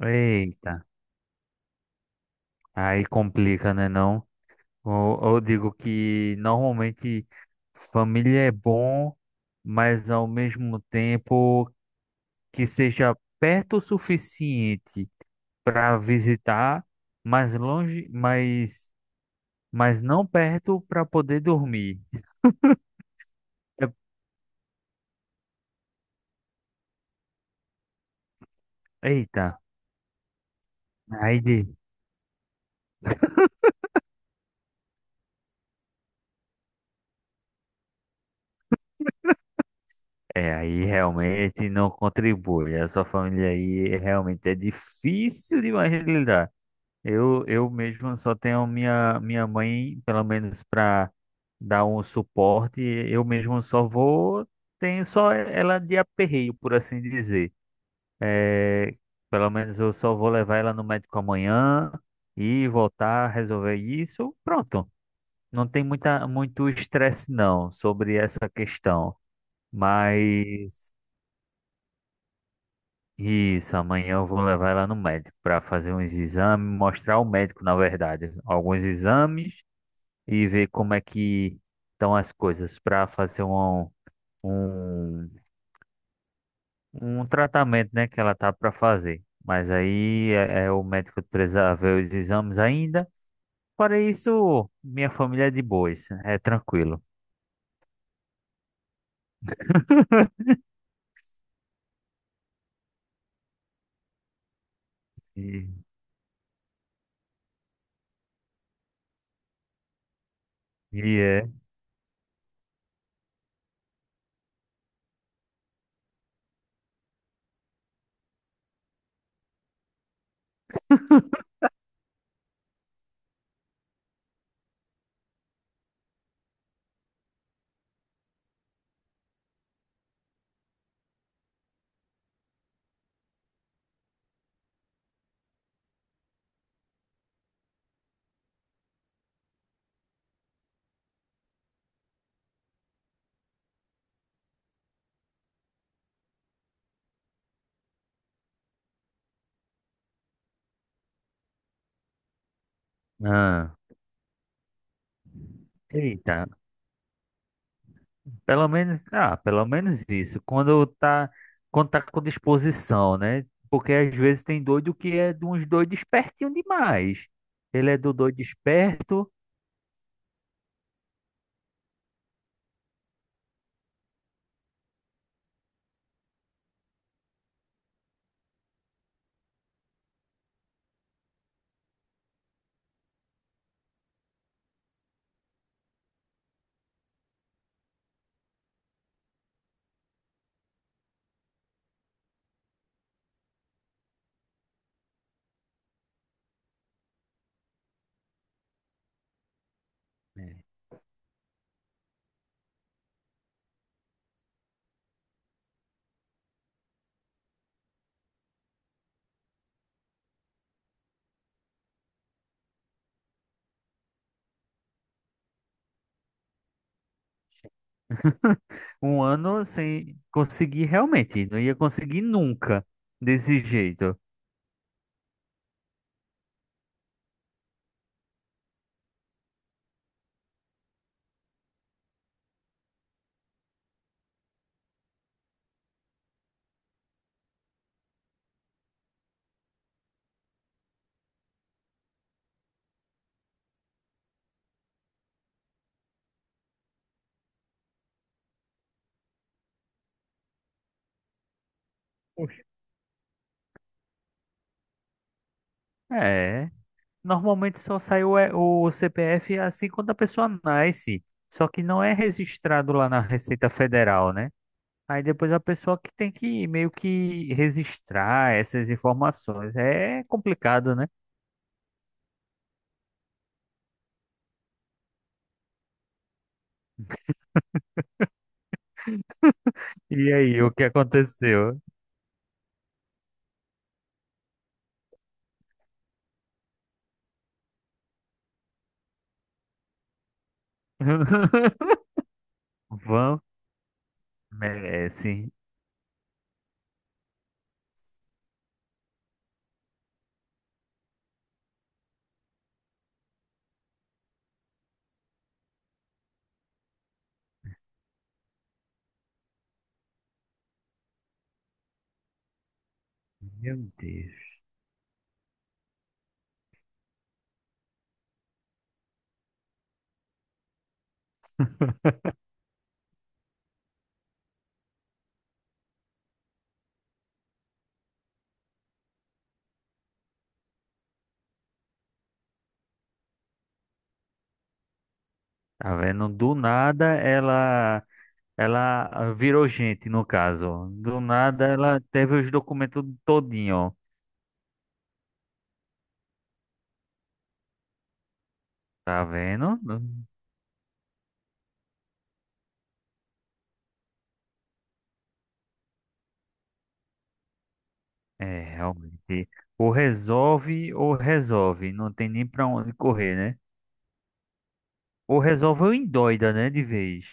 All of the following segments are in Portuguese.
Eita, aí complica, né, não? Ou, eu digo que normalmente família é bom, mas ao mesmo tempo que seja perto o suficiente para visitar, mas longe, mas não perto para poder dormir. É- Eita, aí de, é, aí realmente não contribui. Essa família aí realmente é difícil demais de lidar. Eu mesmo só tenho minha mãe, pelo menos para dar um suporte. Eu mesmo só vou, tenho só ela de aperreio, por assim dizer. É, pelo menos eu só vou levar ela no médico amanhã e voltar a resolver isso. Pronto. Não tem muita, muito estresse, não, sobre essa questão. Mas isso, amanhã eu vou levar ela no médico para fazer uns exames, mostrar ao médico, na verdade, alguns exames e ver como é que estão as coisas para fazer um, um tratamento, né, que ela tá para fazer. Mas aí é o médico precisa ver os exames ainda. Para isso, minha família é de boas, é tranquilo. E, e é. Ah, eita, pelo menos, ah, pelo menos isso. Quando tá com disposição, né? Porque às vezes tem doido que é de uns doidos espertinho demais. Ele é do doido esperto. Né? Um ano sem conseguir realmente, não ia conseguir nunca desse jeito. Poxa, é, normalmente só sai o, E- o CPF assim quando a pessoa nasce, só que não é registrado lá na Receita Federal, né? Aí depois a pessoa que tem que meio que registrar essas informações. É complicado, né? E aí, o que aconteceu? Van merece. Meu Deus. Tá vendo? Do nada ela. Ela ah, virou gente, no caso. Do nada, ela teve os documentos todinho. Tá vendo? É, realmente. Ou resolve ou resolve. Não tem nem pra onde correr, né? Ou resolve ou endoida, né? De vez.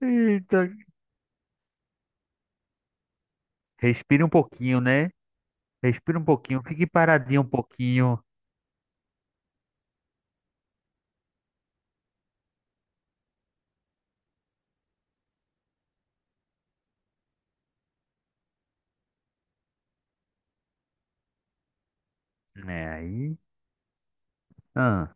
Eita. Respira um pouquinho, né? Respira um pouquinho. Fique paradinho um pouquinho. É, aí. Ah,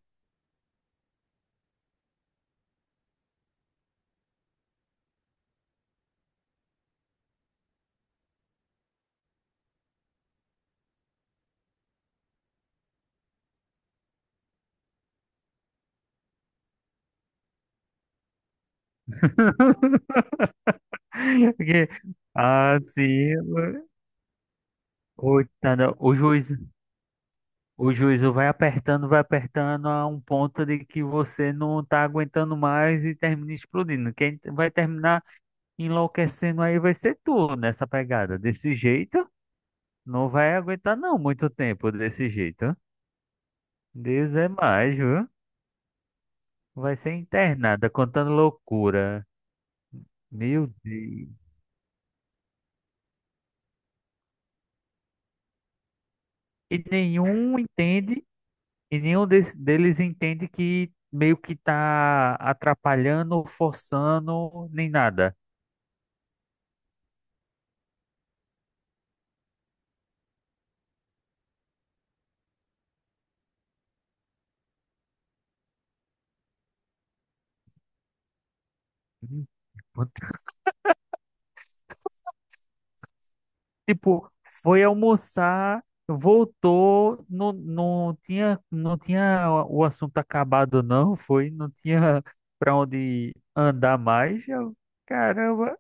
porque- ah, sim. Coitada. O juiz. O juízo vai apertando a um ponto de que você não tá aguentando mais e termina explodindo. Quem vai terminar enlouquecendo aí vai ser tu nessa pegada. Desse jeito, não vai aguentar não muito tempo desse jeito. Deus é mais, viu? Vai ser internada, contando loucura. Meu Deus. E nenhum entende, e nenhum deles entende que meio que tá atrapalhando, forçando, nem nada. Tipo, foi almoçar, voltou, não, não tinha o assunto acabado, não, foi, não tinha pra onde andar mais. Eu, caramba.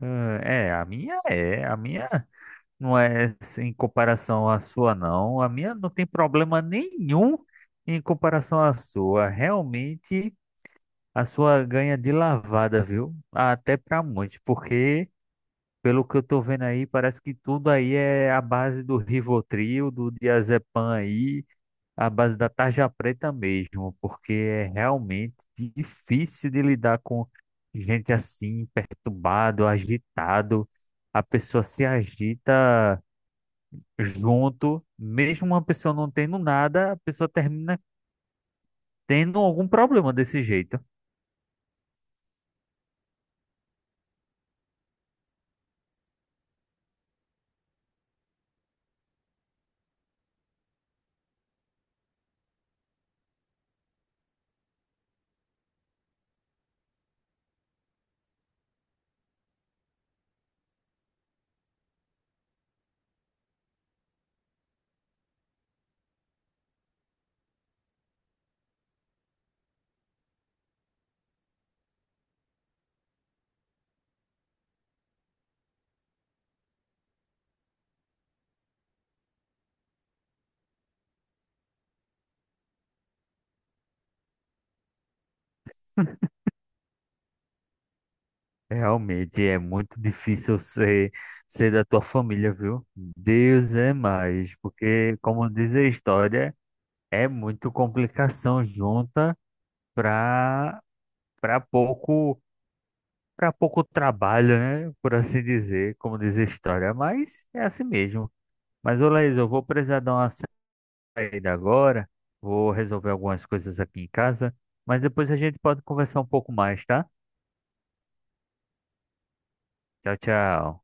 Ah, é, a minha não é em comparação à sua, não. A minha não tem problema nenhum em comparação à sua. Realmente, a sua ganha de lavada, viu? Até pra muitos, porque. Pelo que eu tô vendo aí, parece que tudo aí é a base do Rivotril, do Diazepam aí, a base da tarja preta mesmo, porque é realmente difícil de lidar com gente assim, perturbado, agitado. A pessoa se agita junto, mesmo uma pessoa não tendo nada, a pessoa termina tendo algum problema desse jeito. Realmente é muito difícil ser, ser da tua família, viu? Deus é mais, porque, como diz a história, é muito complicação junta para para pouco para pouco trabalho, né? Por assim dizer, como diz a história, mas é assim mesmo. Mas, ô Laís, eu vou precisar dar uma saída agora, vou resolver algumas coisas aqui em casa, mas depois a gente pode conversar um pouco mais, tá? Tchau, tchau.